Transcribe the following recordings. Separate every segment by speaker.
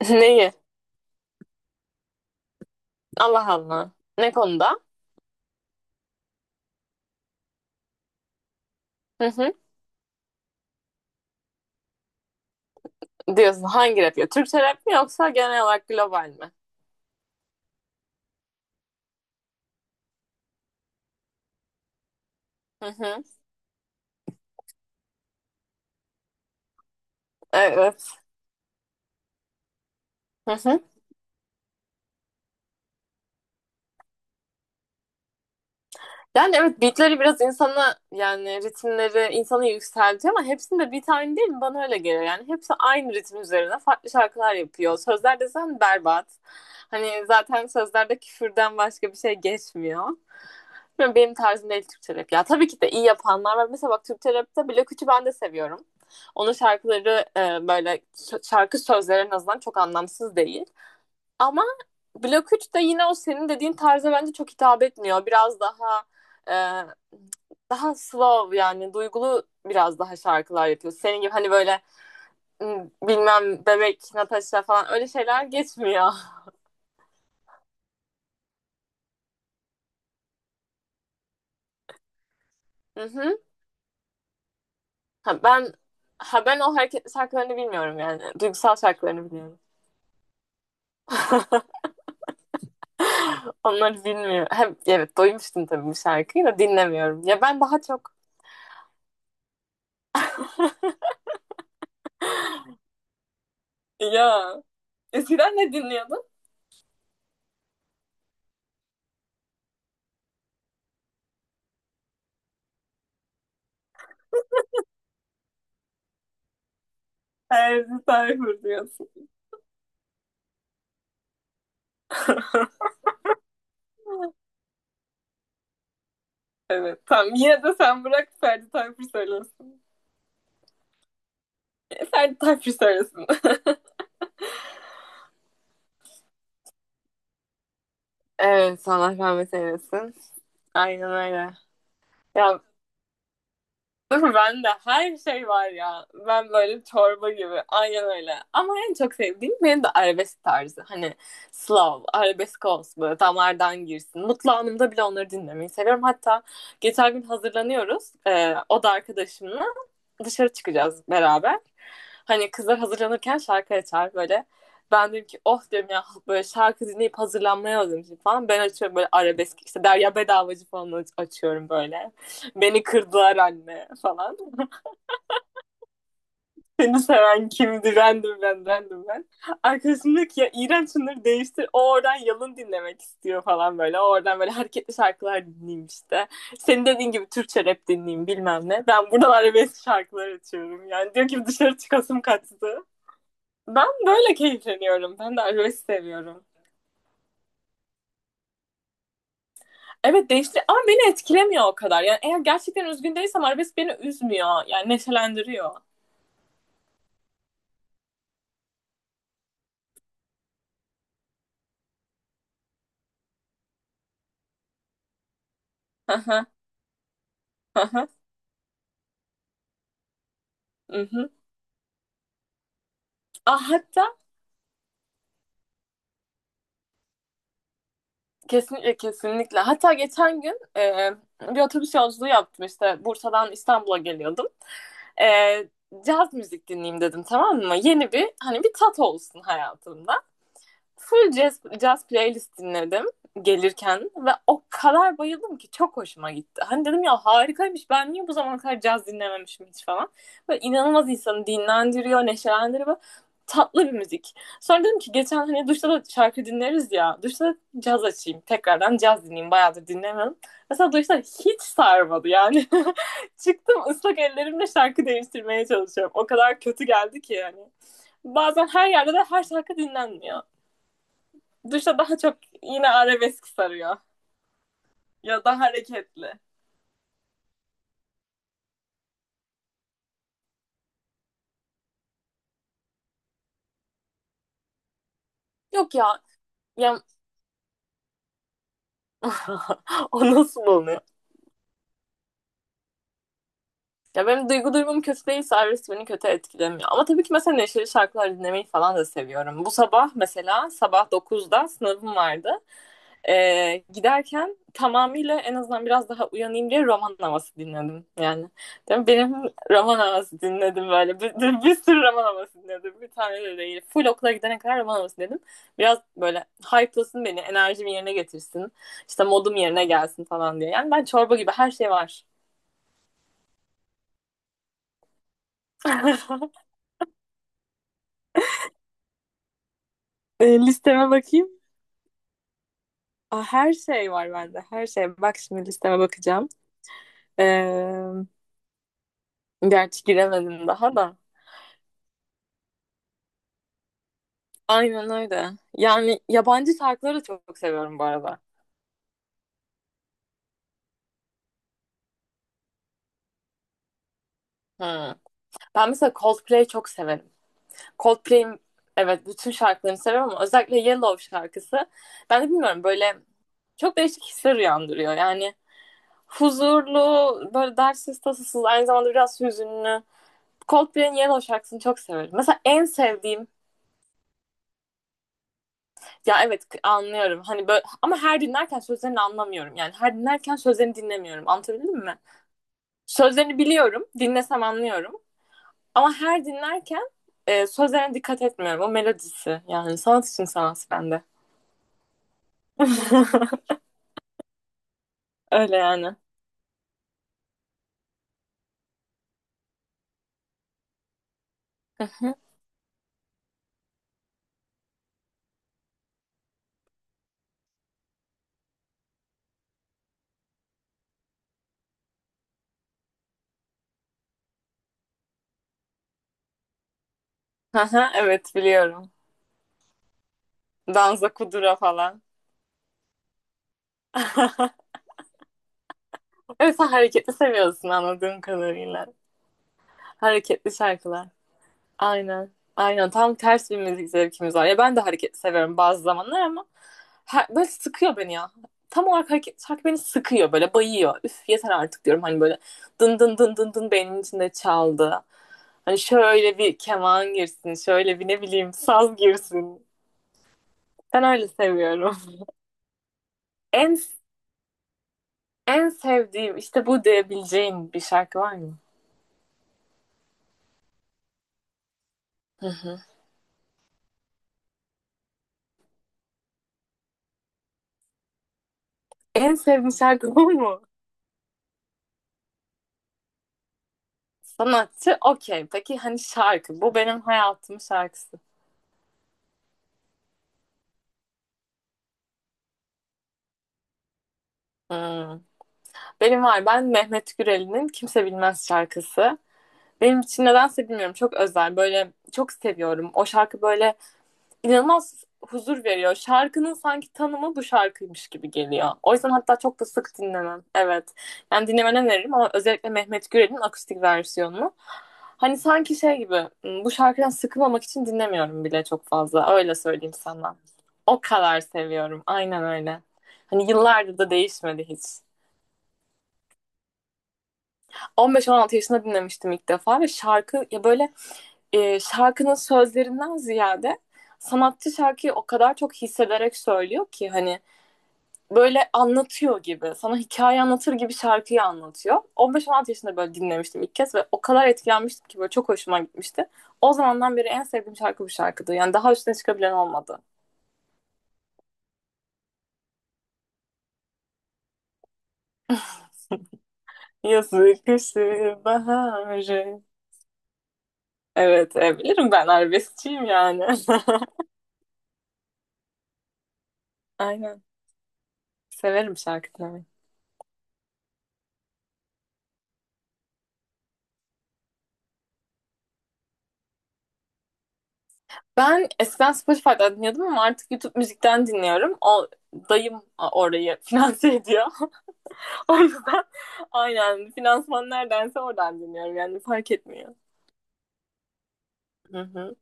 Speaker 1: Neyi? Allah Allah. Ne konuda? Hı hı. Diyorsun hangi rap ya? Türkçe rap mi yoksa genel olarak global mi? Hı hı. Evet. Yani evet, beatleri biraz insana yani ritimleri insanı yükseltiyor ama hepsinde bir tane değil mi? Bana öyle geliyor yani. Hepsi aynı ritim üzerine farklı şarkılar yapıyor. Sözler desen berbat. Hani zaten sözlerde küfürden başka bir şey geçmiyor. Bilmiyorum, benim tarzım değil Türkçe rap ya. Tabii ki de iyi yapanlar var. Mesela bak Türkçe rapte Blok 3'ü ben de seviyorum. Onun şarkıları böyle şarkı sözleri en azından çok anlamsız değil. Ama Blok 3 de yine o senin dediğin tarza bence çok hitap etmiyor. Biraz daha e, daha slow, yani duygulu biraz daha şarkılar yapıyor. Senin gibi hani böyle bilmem bebek, Natasha falan öyle şeyler geçmiyor. Hı hı. Ha, ben ha, ben o hareketli şarkılarını bilmiyorum yani. Duygusal şarkılarını biliyorum. Onları bilmiyorum. Hem, evet, doymuştum tabii bu şarkıyı da dinlemiyorum. Ya ben daha çok. Ya eskiden ne dinliyordun? Her bir sayfa diyorsun. Evet. Tamam. Yine de sen bırak Ferdi Tayfur söylesin. Ferdi Tayfur söylesin. Evet, Allah rahmet eylesin. Aynen öyle. Ya, değil mi? Bende her şey var ya. Ben böyle çorba gibi. Aynen öyle. Ama en çok sevdiğim benim de arabesk tarzı. Hani Slav, arabesk olsun böyle damardan girsin. Mutlu anımda bile onları dinlemeyi seviyorum. Hatta geçen gün hazırlanıyoruz. O da arkadaşımla. Dışarı çıkacağız beraber. Hani kızlar hazırlanırken şarkı açar böyle. Ben dedim ki oh, diyorum ya, böyle şarkı dinleyip hazırlanmaya hazırım falan. Ben açıyorum böyle arabesk işte, Derya Bedavacı falan açıyorum böyle. Beni kırdılar anne falan. Seni seven kimdi? Random ben, random ben. Arkadaşım diyor ki ya, iğrenç, şunları değiştir. O oradan yalın dinlemek istiyor falan böyle. O oradan böyle hareketli şarkılar dinleyeyim işte. Senin dediğin gibi Türkçe rap dinleyeyim, bilmem ne. Ben buradan arabesk şarkılar açıyorum. Yani diyor ki dışarı çıkasım kaçtı. Ben böyle keyifleniyorum. Ben de arabesk seviyorum. Evet, değiştir, ama beni etkilemiyor o kadar. Yani eğer gerçekten üzgün değilsem arabesk beni üzmüyor. Yani neşelendiriyor. Aha. Aha. Hı hı. Ah, hatta kesinlikle, kesinlikle. Hatta geçen gün bir otobüs yolculuğu yaptım işte, Bursa'dan İstanbul'a geliyordum. E, Caz müzik dinleyeyim dedim, tamam mı? Yeni bir hani, bir tat olsun hayatımda, full jazz, jazz playlist dinledim gelirken ve o kadar bayıldım ki çok hoşuma gitti. Hani dedim ya harikaymış, ben niye bu zamana kadar caz dinlememişim hiç falan. Böyle inanılmaz insanı dinlendiriyor, neşelendiriyor, tatlı bir müzik. Sonra dedim ki geçen, hani duşta da şarkı dinleriz ya, duşta da caz açayım, tekrardan caz dinleyeyim, bayağıdır dinlemedim. Mesela duşta hiç sarmadı yani. Çıktım ıslak ellerimle şarkı değiştirmeye çalışıyorum. O kadar kötü geldi ki yani. Bazen her yerde de her şarkı dinlenmiyor. Duşa daha çok yine arabesk sarıyor. Ya da hareketli. Yok ya. Ya, o nasıl oluyor? Ya benim duygu durumum kötü değilse arabesk beni kötü etkilemiyor. Ama tabii ki mesela neşeli şarkılar dinlemeyi falan da seviyorum. Bu sabah mesela sabah 9'da sınavım vardı. Giderken tamamıyla, en azından biraz daha uyanayım diye, roman havası dinledim yani. Değil benim, roman havası dinledim böyle. Bir sürü roman havası dinledim. Bir tane de değil. Full okula gidene kadar roman havası dinledim. Biraz böyle hype'lasın beni, enerjimi yerine getirsin. İşte modum yerine gelsin falan diye. Yani ben çorba gibi, her şey var. Listeme bakayım. Aa, her şey var bende. Her şey. Bak şimdi listeme bakacağım. Ee, Gerçi giremedim daha da. Aynen öyle. Yani yabancı şarkıları da çok seviyorum bu arada. Hmm. Ben mesela Coldplay'i çok severim. Coldplay'in, evet, bütün şarkılarını seviyorum ama özellikle Yellow şarkısı. Ben de bilmiyorum, böyle çok değişik hisler uyandırıyor. Yani huzurlu, böyle dertsiz tasasız, aynı zamanda biraz hüzünlü. Coldplay'in Yellow şarkısını çok severim. Mesela en sevdiğim. Ya evet, anlıyorum. Hani böyle ama her dinlerken sözlerini anlamıyorum. Yani her dinlerken sözlerini dinlemiyorum. Anlatabildim mi? Sözlerini biliyorum, dinlesem anlıyorum. Ama her dinlerken sözlerine dikkat etmiyorum. O melodisi, yani sanat için sanat bende. Öyle yani. Aha, evet biliyorum. Danza kudura falan. Evet, sen hareketli seviyorsun anladığım kadarıyla. Hareketli şarkılar. Aynen. Aynen. Tam ters bir müzik zevkimiz var. Ya ben de hareket severim bazı zamanlar ama böyle sıkıyor beni ya. Tam olarak hareket şarkı beni sıkıyor, böyle bayıyor. Üf, yeter artık, diyorum, hani böyle dın dın dın dın dın beynimin içinde çaldı. Hani şöyle bir keman girsin, şöyle bir ne bileyim saz girsin. Ben öyle seviyorum. En en sevdiğim işte bu diyebileceğin bir şarkı var mı? Hı hı. En sevdiğim şarkı bu mu? Sanatçı okey. Peki hani şarkı. Bu benim hayatımın şarkısı. Hmm. Benim var. Ben Mehmet Gürel'in Kimse Bilmez şarkısı. Benim için nedense bilmiyorum, çok özel. Böyle çok seviyorum. O şarkı böyle inanılmaz huzur veriyor. Şarkının sanki tanımı bu şarkıymış gibi geliyor. O yüzden hatta çok da sık dinlemem. Evet. Yani dinlemeni öneririm ama özellikle Mehmet Gürel'in akustik versiyonunu. Hani sanki şey gibi, bu şarkıdan sıkılmamak için dinlemiyorum bile çok fazla. Öyle söyleyeyim sana. O kadar seviyorum. Aynen öyle. Hani yıllardır da değişmedi hiç. 15-16 yaşında dinlemiştim ilk defa ve şarkı ya, böyle şarkının sözlerinden ziyade sanatçı şarkıyı o kadar çok hissederek söylüyor ki, hani böyle anlatıyor gibi, sana hikaye anlatır gibi şarkıyı anlatıyor. 15-16 yaşında böyle dinlemiştim ilk kez ve o kadar etkilenmiştim ki, böyle çok hoşuma gitmişti. O zamandan beri en sevdiğim şarkı bu şarkıdı. Yani daha üstüne çıkabilen olmadı. Yazık kışı baharı. Evet, bilirim, ben arabeskçiyim yani. Aynen. Severim şarkı dinlemeyi. Ben eskiden Spotify'dan dinliyordum ama artık YouTube müzikten dinliyorum. O, dayım orayı finanse ediyor. O yüzden aynen, finansman neredense oradan dinliyorum. Yani fark etmiyor. Hı hı.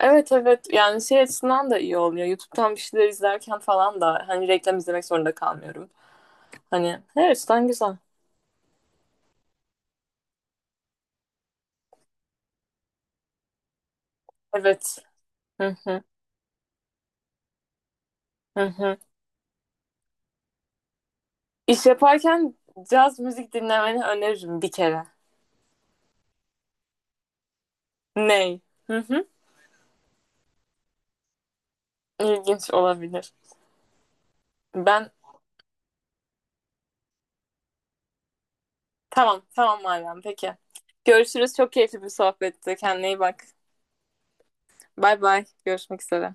Speaker 1: Evet, evet, yani şey açısından da iyi oluyor. YouTube'dan bir şeyler izlerken falan da hani reklam izlemek zorunda kalmıyorum. Hani her açıdan güzel. Evet. Hı hı, hı hı. İş yaparken caz müzik dinlemeni öneririm bir kere. Ney? Hı hı. İlginç olabilir. Ben. Tamam, tamam Meryem. Peki. Görüşürüz. Çok keyifli bir sohbetti. Kendine iyi bak. Bay bay. Görüşmek üzere.